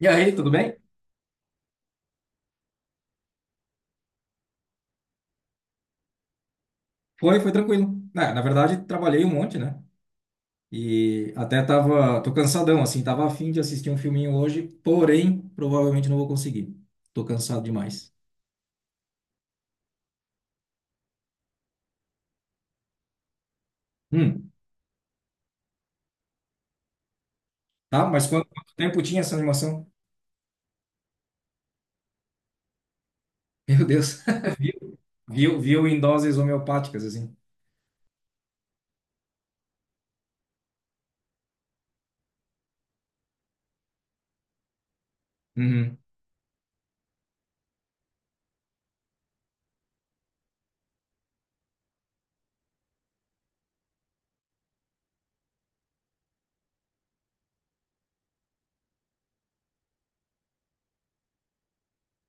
E aí, tudo bem? Foi, tranquilo. Na verdade, trabalhei um monte, né? E até tava, tô cansadão, assim, tava a fim de assistir um filminho hoje, porém, provavelmente não vou conseguir. Tô cansado demais. Hum, tá? Mas quanto tempo tinha essa animação? Meu Deus. Viu, viu, em doses homeopáticas, assim. Uhum.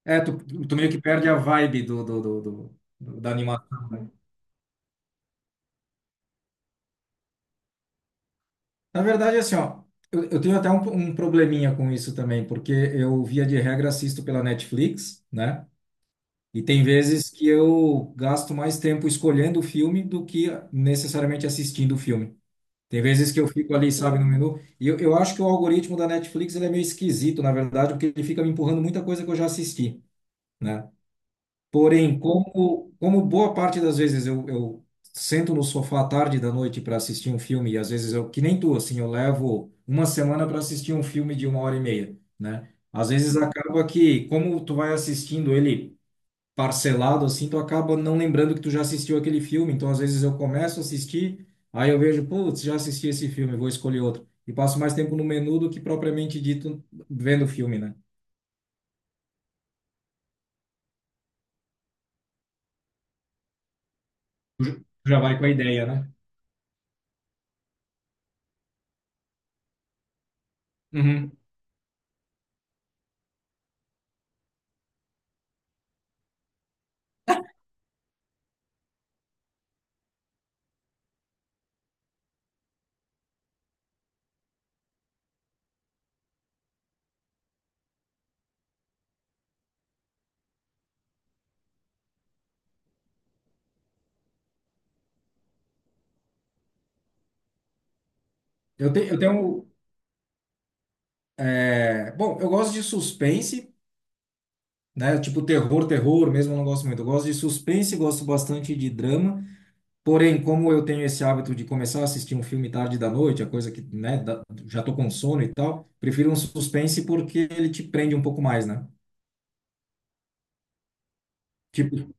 É, tu meio que perde a vibe da animação, né? Na verdade, assim, ó, eu tenho até um probleminha com isso também, porque eu, via de regra, assisto pela Netflix, né? E tem vezes que eu gasto mais tempo escolhendo o filme do que necessariamente assistindo o filme. Tem vezes que eu fico ali, sabe, no menu. E eu acho que o algoritmo da Netflix ele é meio esquisito, na verdade, porque ele fica me empurrando muita coisa que eu já assisti, né? Porém, como boa parte das vezes eu sento no sofá à tarde da noite para assistir um filme, e às vezes eu, que nem tu, assim, eu levo uma semana para assistir um filme de uma hora e meia, né? Às vezes acaba que, como tu vai assistindo ele parcelado assim, tu acaba não lembrando que tu já assistiu aquele filme. Então, às vezes eu começo a assistir, aí eu vejo, putz, já assisti esse filme, vou escolher outro. E passo mais tempo no menu do que propriamente dito vendo o filme, né? Tu já tu já vai com a ideia, né? Uhum. Eu tenho. Bom, eu gosto de suspense, né? Tipo terror, terror mesmo, eu não gosto muito. Eu gosto de suspense, gosto bastante de drama. Porém, como eu tenho esse hábito de começar a assistir um filme tarde da noite, a coisa que, né, já tô com sono e tal, prefiro um suspense porque ele te prende um pouco mais, né? Tipo,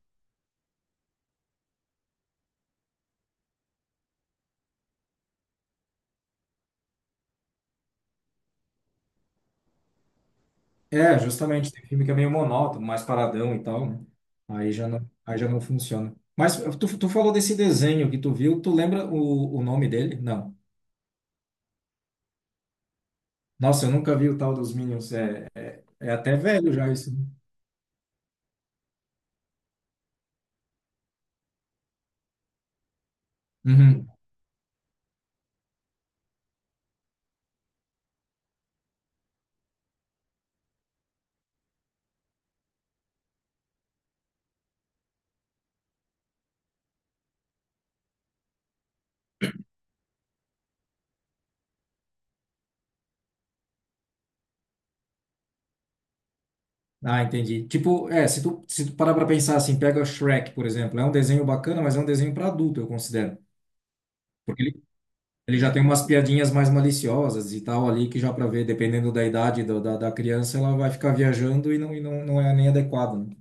justamente, tem filme que é meio monótono, mais paradão e tal, né? Aí já não funciona. Mas tu falou desse desenho que tu viu, tu lembra o nome dele? Não. Nossa, eu nunca vi o tal dos Minions, é até velho já isso. Né? Uhum. Ah, entendi. Tipo, é, se tu parar pra pensar assim, pega Shrek, por exemplo, é um desenho bacana, mas é um desenho pra adulto, eu considero. Porque ele já tem umas piadinhas mais maliciosas e tal ali, que já pra ver, dependendo da idade da criança, ela vai ficar viajando e não é nem adequado, né?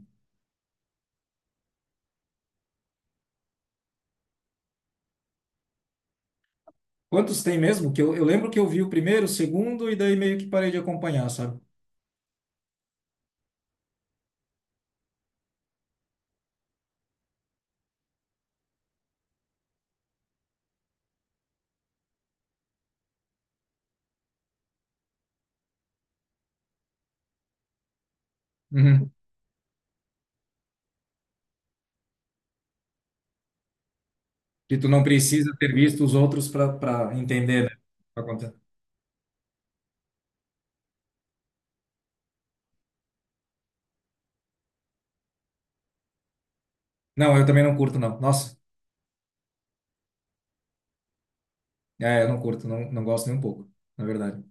Quantos tem mesmo? Que eu lembro que eu vi o primeiro, o segundo, e daí meio que parei de acompanhar, sabe? Uhum. Que tu não precisa ter visto os outros pra entender, né? Pra contar. Não, eu também não curto, não. Nossa, é, eu não curto, não, não gosto nem um pouco, na verdade.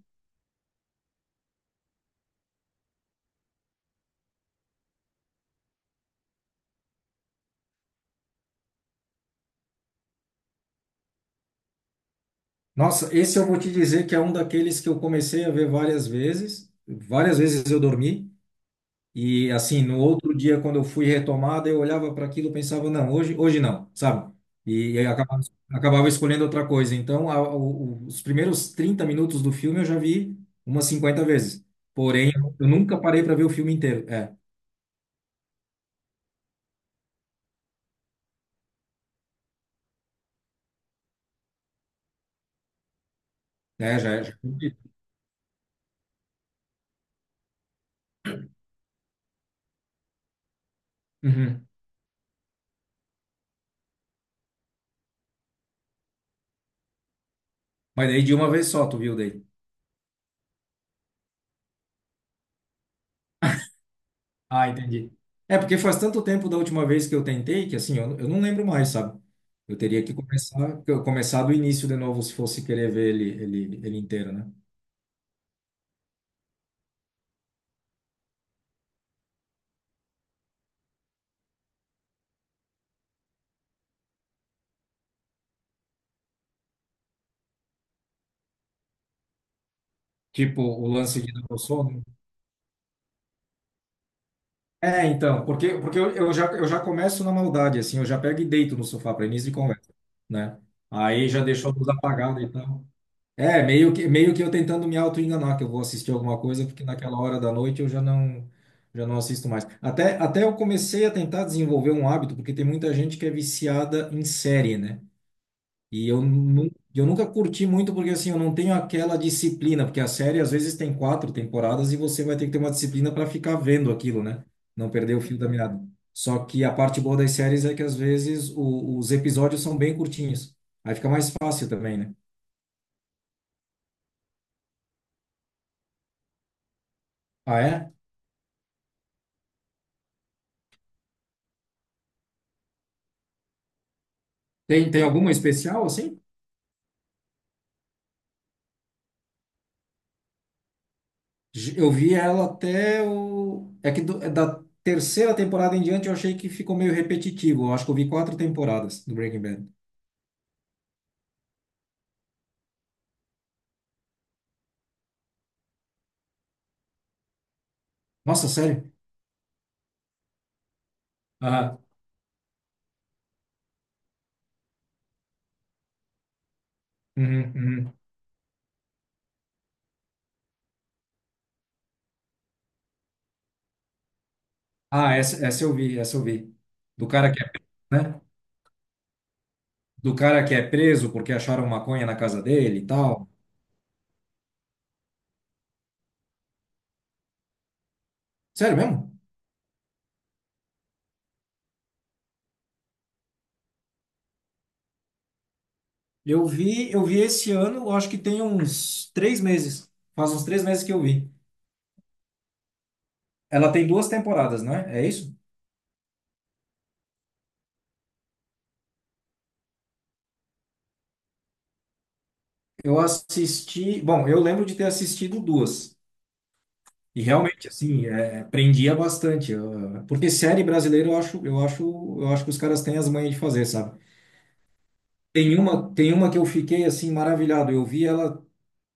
Nossa, esse eu vou te dizer que é um daqueles que eu comecei a ver várias vezes. Várias vezes eu dormi e assim, no outro dia quando eu fui retomada, eu olhava para aquilo e pensava, não, hoje, hoje não, sabe? E, aí acabava escolhendo outra coisa. Então, os primeiros 30 minutos do filme eu já vi umas 50 vezes. Porém, eu nunca parei para ver o filme inteiro. É, é, já, é, já. Uhum. Mas daí de uma vez só, tu viu daí? Ah, entendi. É porque faz tanto tempo da última vez que eu tentei que assim, eu não lembro mais, sabe? Eu teria que começar, que eu começar do início de novo se fosse querer ver ele inteiro, né? Tipo o lance de dar o sono. É, então, porque eu já começo na maldade assim, eu já pego e deito no sofá para início de conversa, né? Aí já deixou a luz apagada e tal. É, meio que eu tentando me auto-enganar que eu vou assistir alguma coisa, porque naquela hora da noite eu já não, assisto mais. Até eu comecei a tentar desenvolver um hábito, porque tem muita gente que é viciada em série, né? E eu nunca curti muito, porque assim, eu não tenho aquela disciplina, porque a série às vezes tem quatro temporadas e você vai ter que ter uma disciplina para ficar vendo aquilo, né? Não perder o fio da meada. Só que a parte boa das séries é que às vezes os episódios são bem curtinhos. Aí fica mais fácil também, né? Ah, é? Tem alguma especial, assim? Eu vi ela até o. É que é da terceira temporada em diante eu achei que ficou meio repetitivo. Eu acho que eu vi quatro temporadas do Breaking Bad. Nossa, sério? Ah, uhum, uhum. Ah, essa eu vi, essa eu vi. Do cara que é, né? Do cara que é preso porque acharam maconha na casa dele e tal. Sério mesmo? Eu vi esse ano, eu acho que tem uns 3 meses. Faz uns 3 meses que eu vi. Ela tem duas temporadas, não é? É isso? Eu assisti, bom, eu lembro de ter assistido duas. E realmente, assim, é, prendia bastante. Porque série brasileira eu acho que os caras têm as manhas de fazer, sabe? Tem uma que eu fiquei assim maravilhado. Eu vi ela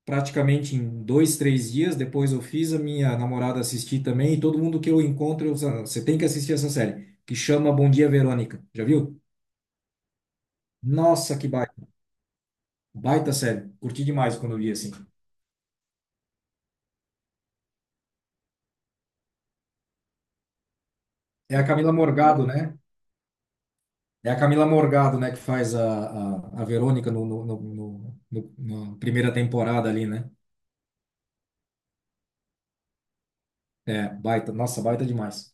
praticamente em dois, três dias. Depois eu fiz a minha namorada assistir também. E todo mundo que eu encontro, eu, falo, você tem que assistir essa série, que chama Bom Dia, Verônica. Já viu? Nossa, que baita, baita série. Curti demais quando eu vi assim. É a Camila Morgado, né? É a Camila Morgado, né, que faz a Verônica na primeira temporada ali, né? É, baita, nossa, baita demais.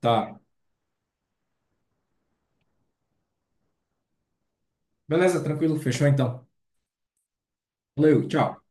Tá. Beleza, tranquilo, fechou então. Valeu, tchau.